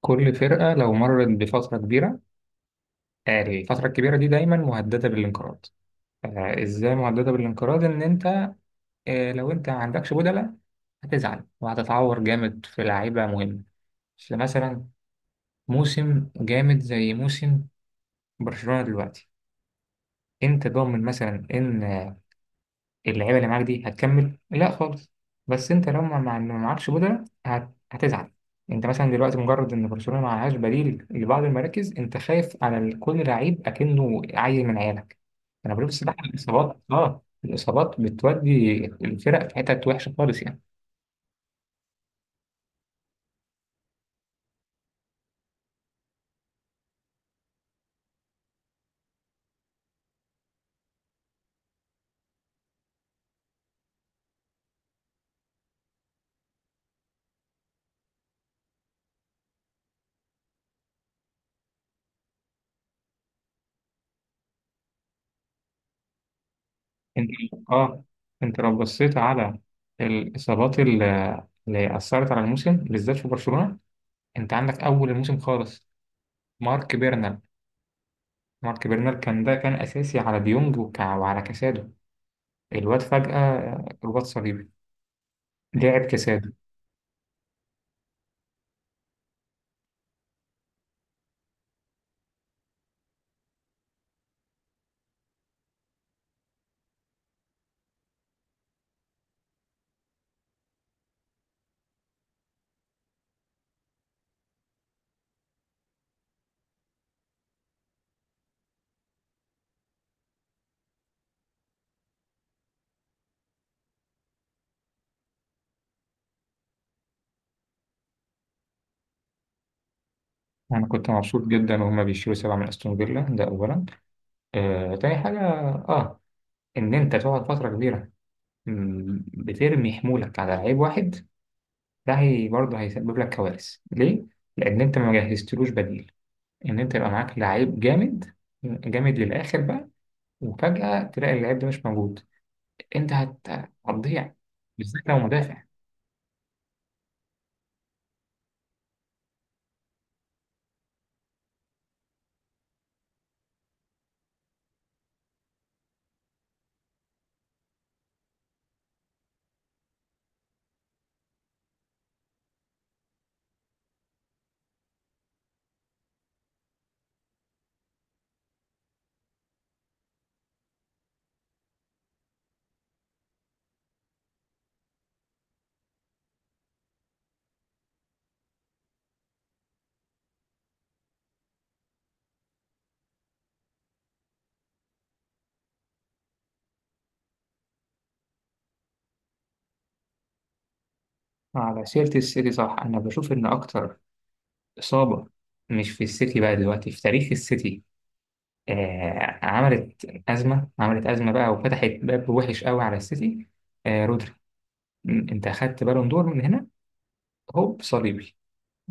كل فرقة لو مرت بفترة كبيرة، الفترة الكبيرة دي دايما مهددة بالانقراض. إزاي مهددة بالانقراض؟ إن أنت لو أنت ما عندكش بدلة، هتزعل وهتتعور جامد في لعيبة مهمة. فمثلا موسم جامد زي موسم برشلونة دلوقتي، أنت ضامن مثلا إن اللعيبه اللي معاك دي هتكمل؟ لا خالص. بس انت لو ما معكش بدلة هتزعل. انت مثلا دلوقتي مجرد ان برشلونه ما معهاش بديل لبعض المراكز، انت خايف على كل لعيب اكنه عيل من عيالك. انا بقول الصراحه الاصابات بتودي الفرق في حتت وحشه خالص يعني. انت، اه انت لو بصيت على الاصابات اللي اثرت على الموسم بالذات في برشلونه، انت عندك اول الموسم خالص، مارك بيرنا، مارك برنر، كان ده كان أساسي على ديونج وعلى كاسادو. الواد فجأة رباط صليبي، لعب كاسادو. أنا كنت مبسوط جدا وهما بيشيلوا 7 من أستون فيلا، ده أولا. تاني حاجة، آه إن أنت تقعد فترة كبيرة، بترمي حمولك على لعيب واحد، ده هي برضه هيسبب لك كوارث. ليه؟ لأن أنت ما جهزتلوش بديل. إن أنت يبقى معاك لعيب جامد، جامد للآخر بقى، وفجأة تلاقي اللعيب ده مش موجود، أنت هتضيع. بالذات لو مدافع. على سيرة السيتي، صح، أنا بشوف إن أكتر إصابة، مش في السيتي بقى دلوقتي، في تاريخ السيتي، عملت أزمة، عملت أزمة بقى وفتحت باب وحش قوي على السيتي. آه، رودري. أنت أخدت بالون دور من هنا، هوب صليبي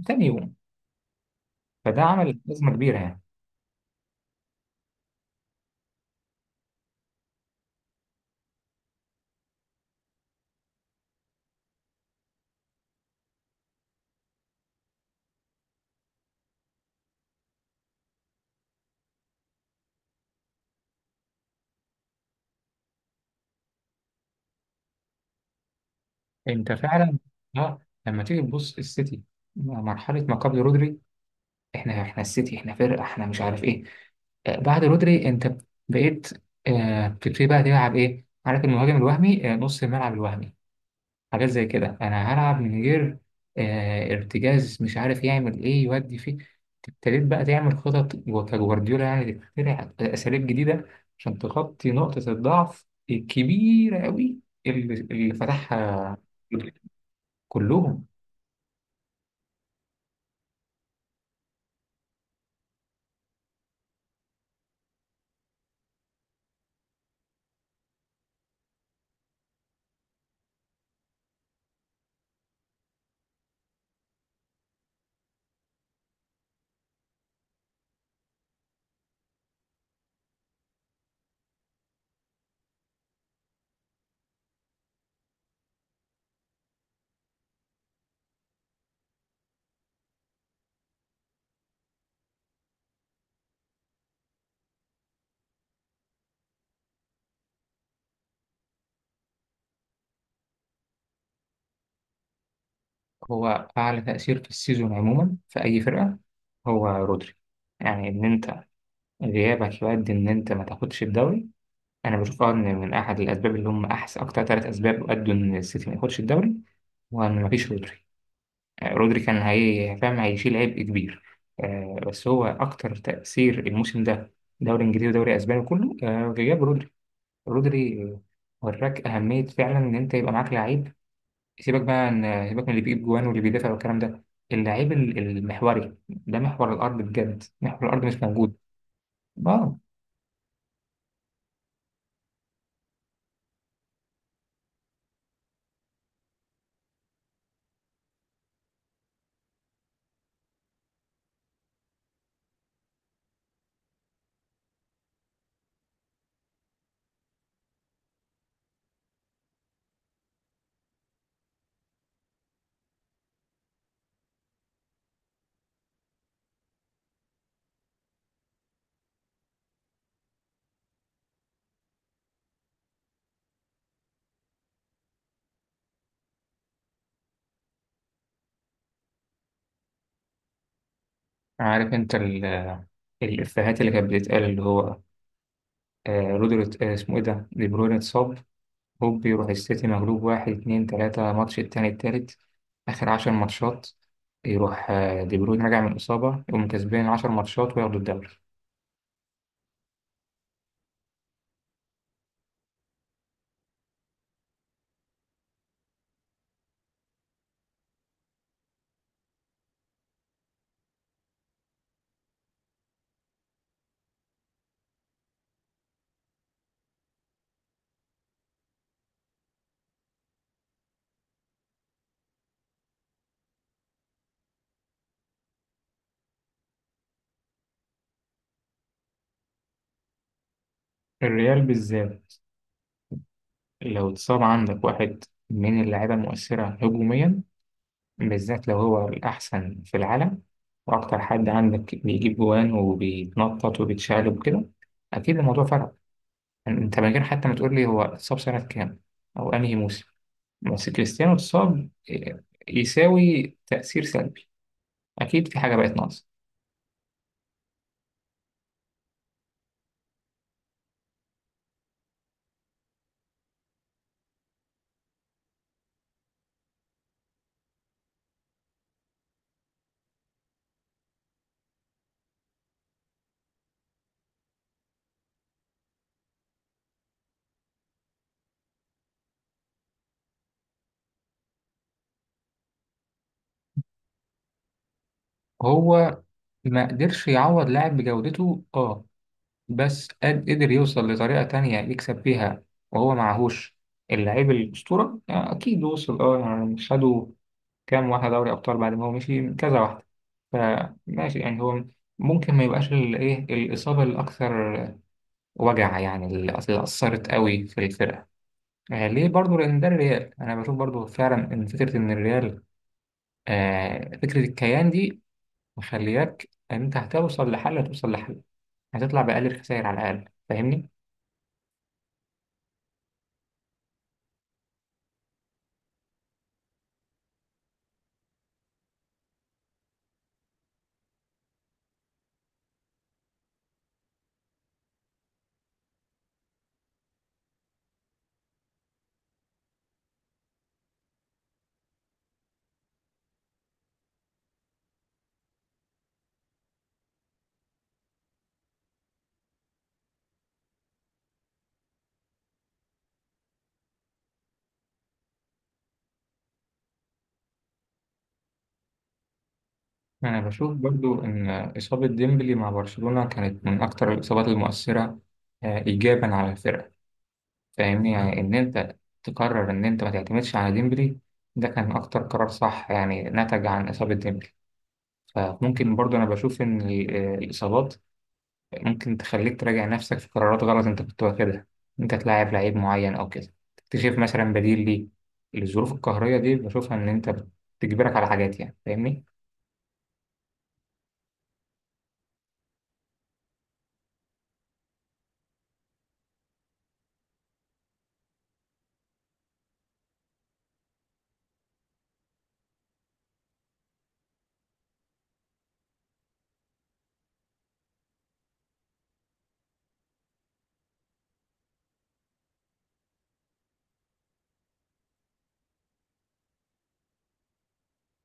تاني يوم. فده عمل أزمة كبيرة يعني. أنت فعلا، آه، لما تيجي تبص السيتي، مرحلة ما قبل رودري، احنا السيتي، احنا فرقه، احنا مش عارف ايه. بعد رودري انت بقيت، بتبتدي بقى تلعب ايه، عارف، المهاجم الوهمي، نص الملعب الوهمي، حاجات زي كده، انا هلعب من غير ارتجاز، مش عارف يعمل ايه يودي فيه. ابتديت بقى تعمل خطط كجوارديولا، يعني تخترع اساليب جديده عشان تغطي نقطه الضعف الكبيره قوي اللي فتحها رودري. كلهم. هو أعلى تأثير في السيزون عموما في أي فرقة هو رودري. يعني إن أنت غيابك يؤدي إن أنت ما تاخدش الدوري. أنا بشوف أه إن من أحد الأسباب اللي هم أحسن أكتر ثلاث أسباب أدوا إن السيتي ما ياخدش الدوري هو إن مفيش رودري. رودري كان هي فاهم هيشيل عبء كبير. بس هو أكتر تأثير الموسم ده، دوري إنجليزي ودوري أسباني كله، غياب رودري. رودري، وراك أهمية فعلا إن أنت يبقى معاك لعيب. سيبك بقى عن، سيبك من اللي بيجيب جوان واللي بيدافع والكلام ده. اللعيب المحوري ده محور الارض بجد، محور الارض مش موجود. اه، عارف انت الافيهات اللي كانت بتتقال، اللي هو آه رودري، آه اسمه ايه ده، دي بروين اتصاب، هوب يروح السيتي مغلوب واحد اتنين تلاتة ماتش، التاني التالت اخر 10 ماتشات، يروح آه دي بروين راجع من الاصابة يقوم كسبان 10 ماتشات وياخدوا الدوري. الريال بالذات لو اتصاب عندك واحد من اللعيبة المؤثرة هجوميا، بالذات لو هو الأحسن في العالم وأكتر حد عندك بيجيب جوان وبيتنطط وبيتشقلب وكده، أكيد الموضوع فرق. يعني أنت من غير حتى ما تقول لي هو اتصاب سنة كام أو أنهي موسم، بس كريستيانو اتصاب إيه، يساوي تأثير سلبي، أكيد في حاجة بقت ناقصة. هو ما قدرش يعوض لاعب بجودته أه، بس قدر يوصل لطريقة تانية يكسب بيها، وهو معهوش اللاعب الأسطورة، أكيد وصل أه، يعني خدوا كام واحدة دوري أبطال بعد ما هو مشي كذا واحدة. فماشي يعني هو ممكن ما يبقاش الإيه، الإصابة الأكثر وجع، يعني اللي أثرت قوي في الفرقة. آه ليه برضو؟ لأن ده الريال. أنا بشوف برضو فعلا إن فكرة إن الريال، آه، فكرة الكيان دي، مخلياك إن أنت هتوصل لحل، هتوصل لحل، هتطلع بأقل الخسائر على الأقل. فاهمني؟ أنا بشوف برضو إن إصابة ديمبلي مع برشلونة كانت من أكثر الإصابات المؤثرة، آه، إيجابا على الفرقة. فاهمني؟ يعني إن أنت تقرر إن أنت ما تعتمدش على ديمبلي، ده كان أكتر قرار صح يعني نتج عن إصابة ديمبلي. فممكن برضه أنا بشوف إن الإصابات ممكن تخليك تراجع نفسك في قرارات غلط أنت كنت واخدها، أنت تلاعب لعيب معين أو كده تكتشف مثلا بديل ليه. الظروف القهرية دي بشوفها إن أنت بتجبرك على حاجات، يعني فاهمني.